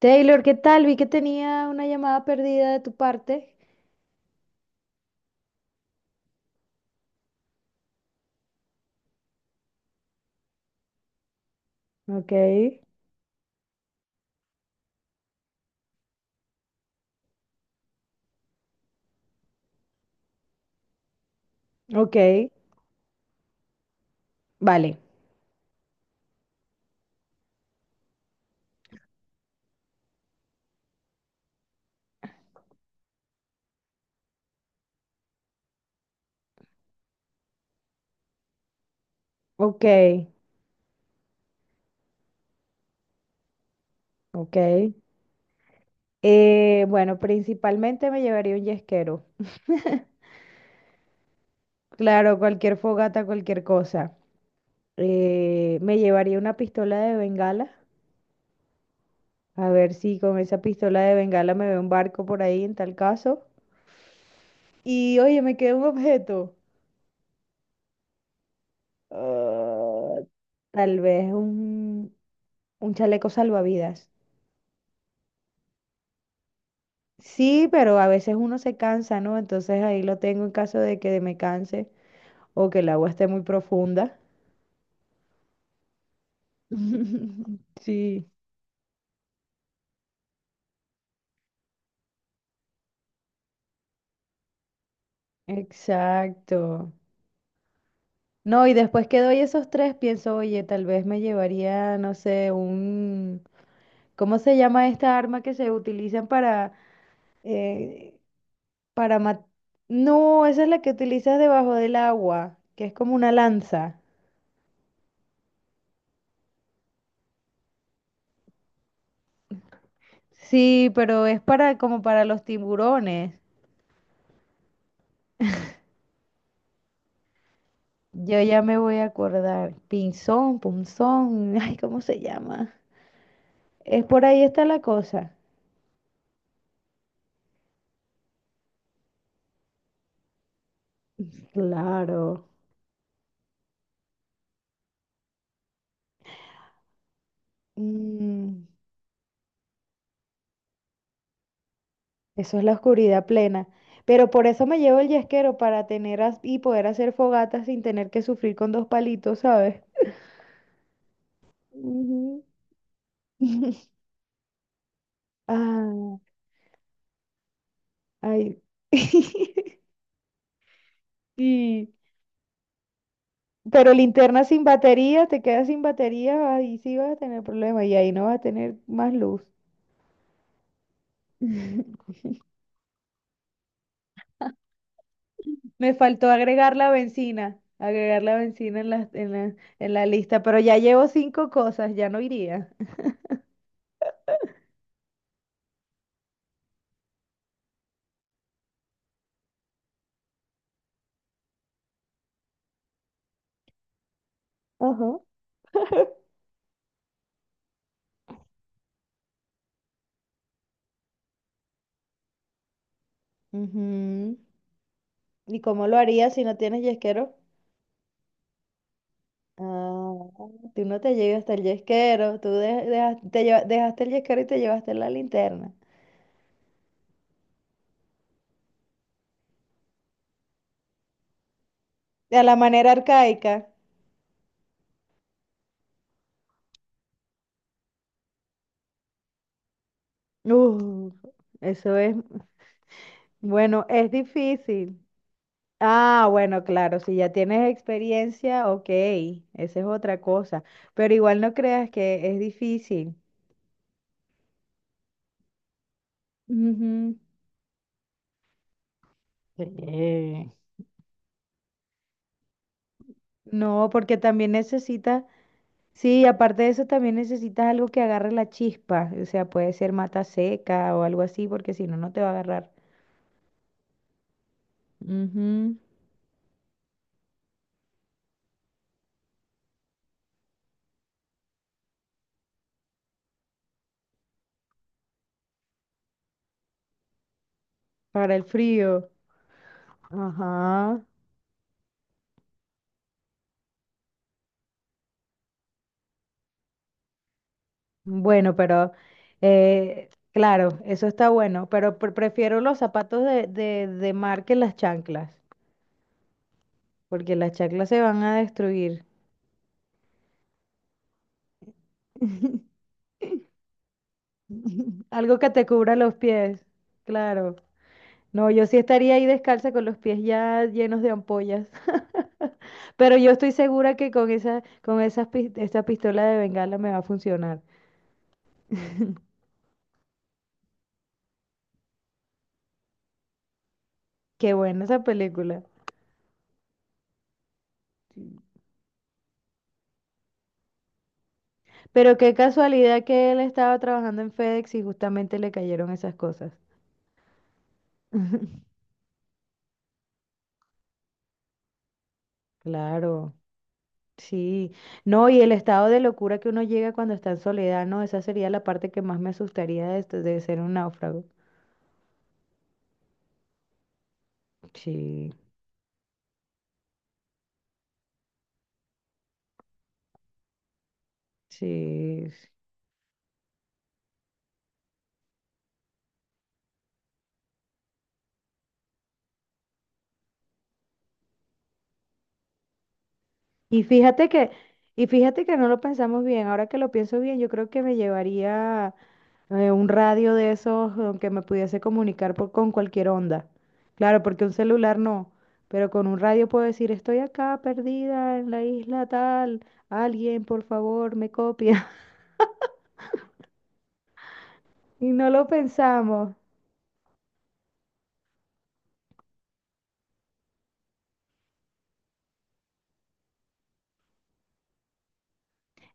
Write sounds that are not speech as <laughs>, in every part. Taylor, ¿qué tal? Vi que tenía una llamada perdida de tu parte. Ok, ok, vale, ok, ok. Bueno, principalmente me llevaría un yesquero. <laughs> Claro, cualquier fogata, cualquier cosa. Me llevaría una pistola de bengala. A ver si con esa pistola de bengala me veo un barco por ahí en tal caso. Y oye, me queda un objeto. Ah, tal vez un chaleco salvavidas. Sí, pero a veces uno se cansa, ¿no? Entonces ahí lo tengo en caso de que me canse o que el agua esté muy profunda. <laughs> Sí, exacto. No, y después que doy esos tres, pienso, oye, tal vez me llevaría, no sé, un... ¿Cómo se llama esta arma que se utilizan eh, para matar... No, esa es la que utilizas debajo del agua, que es como una lanza. Sí, pero es para como para los tiburones. Yo ya me voy a acordar. Pinzón, punzón, <laughs> ay, ¿cómo se llama? Es por ahí está la cosa. Claro. Mm, eso es la oscuridad plena. Pero por eso me llevo el yesquero para tener as- y poder hacer fogatas sin tener que sufrir con dos palitos, ¿sabes? Ujú. <laughs> Ah, ay. <laughs> Y, pero linterna sin batería, te quedas sin batería, ahí sí vas a tener problemas y ahí no vas a tener más luz. <laughs> Me faltó agregar la benzina en la lista, pero ya llevo cinco cosas, ya no iría. Ajá. Ujú. ¿Y cómo lo harías si no tienes yesquero? Ah, tú no te llegas hasta el yesquero, tú de- dejas- te lleva- dejaste el yesquero y te llevaste la linterna. De la manera arcaica. Uh, eso es, bueno, es difícil. Ah, bueno, claro, si ya tienes experiencia, ok, esa es otra cosa, pero igual no creas que es difícil. Ujú. Sí. No, porque también necesitas, sí, aparte de eso también necesitas algo que agarre la chispa, o sea, puede ser mata seca o algo así, porque si no, no te va a agarrar. Ujú, para el frío. Ajá. Bueno, pero claro, eso está bueno, pero pre- prefiero los zapatos de, de mar que las chanclas. Porque las chaclas se van a destruir. <laughs> Algo que te cubra los pies, claro. No, yo sí estaría ahí descalza con los pies ya llenos de ampollas, <laughs> pero yo estoy segura que con esa, con esas, pis- esa pistola de bengala me va a funcionar. Qué buena esa película. Pero qué casualidad que él estaba trabajando en FedEx y justamente le cayeron esas cosas. <laughs> Claro, sí. No, y el estado de locura que uno llega cuando está en soledad, no, esa sería la parte que más me asustaría de ser un náufrago. Sí, sí. Sí. Y fíjate que, y fíjate que no lo pensamos bien. Ahora que lo pienso bien, yo creo que me llevaría un radio de esos que me pudiese comunicar por, con cualquier onda. Claro, porque un celular no, pero con un radio puedo decir, estoy acá perdida en la isla tal, alguien por favor me copia. <laughs> Y no lo pensamos.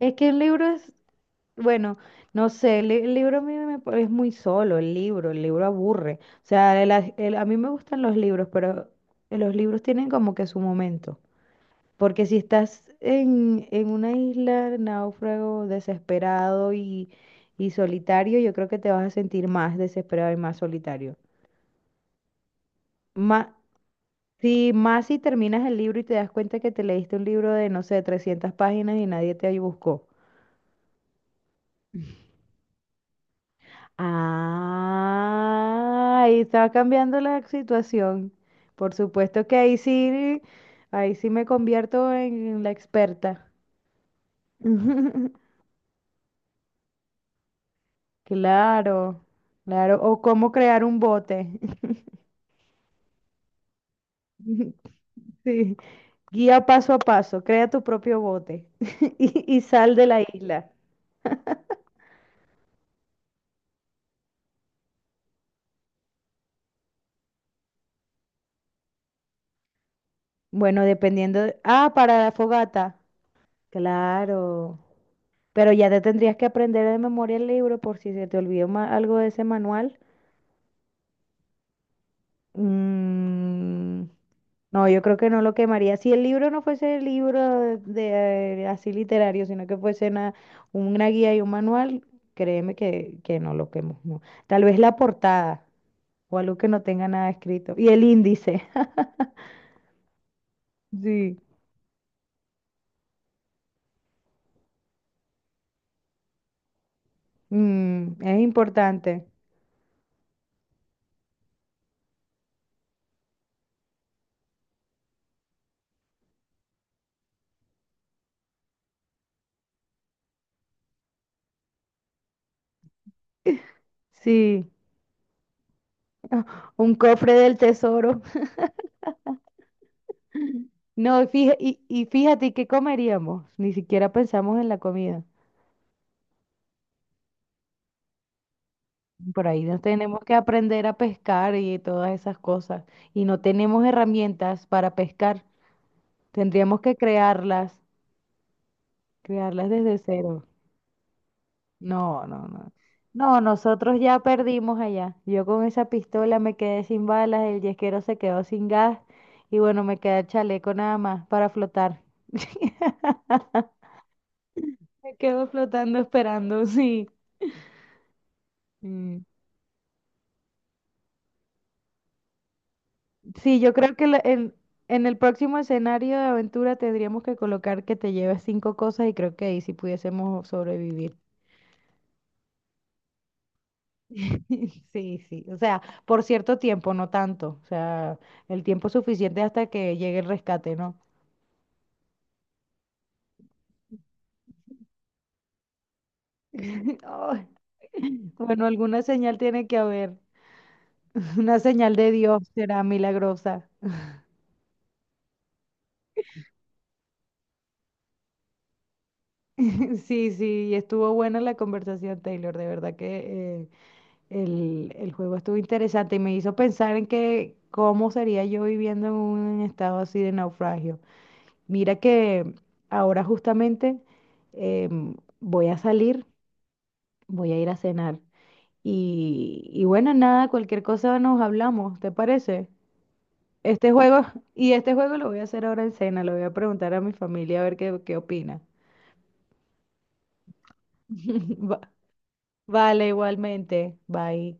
Es que un libro es, bueno, no sé, el, li- el libro a mí me, pa- es muy solo, el libro aburre. O sea, el as- el- a mí me gustan los libros, pero los libros tienen como que su momento. Porque si estás en una isla, náufrago, desesperado y solitario, yo creo que te vas a sentir más desesperado y más solitario. Más, si, más si terminas el libro y te das cuenta que te leíste un libro de, no sé, 300 páginas y nadie te buscó. Ah, ahí está cambiando la situación. Por supuesto que ahí sí me convierto en la experta. <laughs> Claro, claro. O cómo crear un bote. <laughs> Sí. Guía paso a paso, crea tu propio bote <laughs> y sal de la isla. Bueno, dependiendo de- Ah, para la fogata. Claro. Pero ya te tendrías que aprender de memoria el libro por si se te olvidó ma- algo de ese manual. Mm, no, yo creo que no lo quemaría. Si el libro no fuese el libro de así literario, sino que fuese una guía y un manual, créeme que no lo quemo. No. Tal vez la portada o algo que no tenga nada escrito. Y el índice. <laughs> Sí, mm, es importante. Sí, un cofre del tesoro. <laughs> No, y fija- y fíjate, ¿qué comeríamos? Ni siquiera pensamos en la comida. Por ahí nos tenemos que aprender a pescar y todas esas cosas. Y no tenemos herramientas para pescar. Tendríamos que crearlas, crearlas desde cero. No, no, no. No, nosotros ya perdimos allá. Yo con esa pistola me quedé sin balas, el yesquero se quedó sin gas y bueno, me queda el chaleco nada más para flotar. <laughs> Me quedo flotando esperando, sí. Sí, yo creo que la- en el próximo escenario de aventura tendríamos que colocar que te lleves cinco cosas y creo que ahí sí pudiésemos sobrevivir. <laughs> Sí, sí, o sea, por cierto tiempo, no tanto, o sea, el tiempo suficiente hasta que llegue el rescate, ¿no? <laughs> Ay, bueno, alguna señal tiene que haber, <laughs> una señal de Dios será milagrosa. <laughs> Sí, sí, estuvo buena la conversación, Taylor, de verdad que el juego estuvo interesante y me hizo pensar en que cómo sería yo viviendo en un estado así de naufragio. Mira que ahora justamente voy a salir, voy a ir a cenar. Y bueno, nada, cualquier cosa nos hablamos, ¿te parece? Este juego, <laughs> y este juego lo voy a hacer ahora en cena, lo voy a preguntar a mi familia a ver qué, qué opina. <laughs> Va- Vale, igualmente. Bye.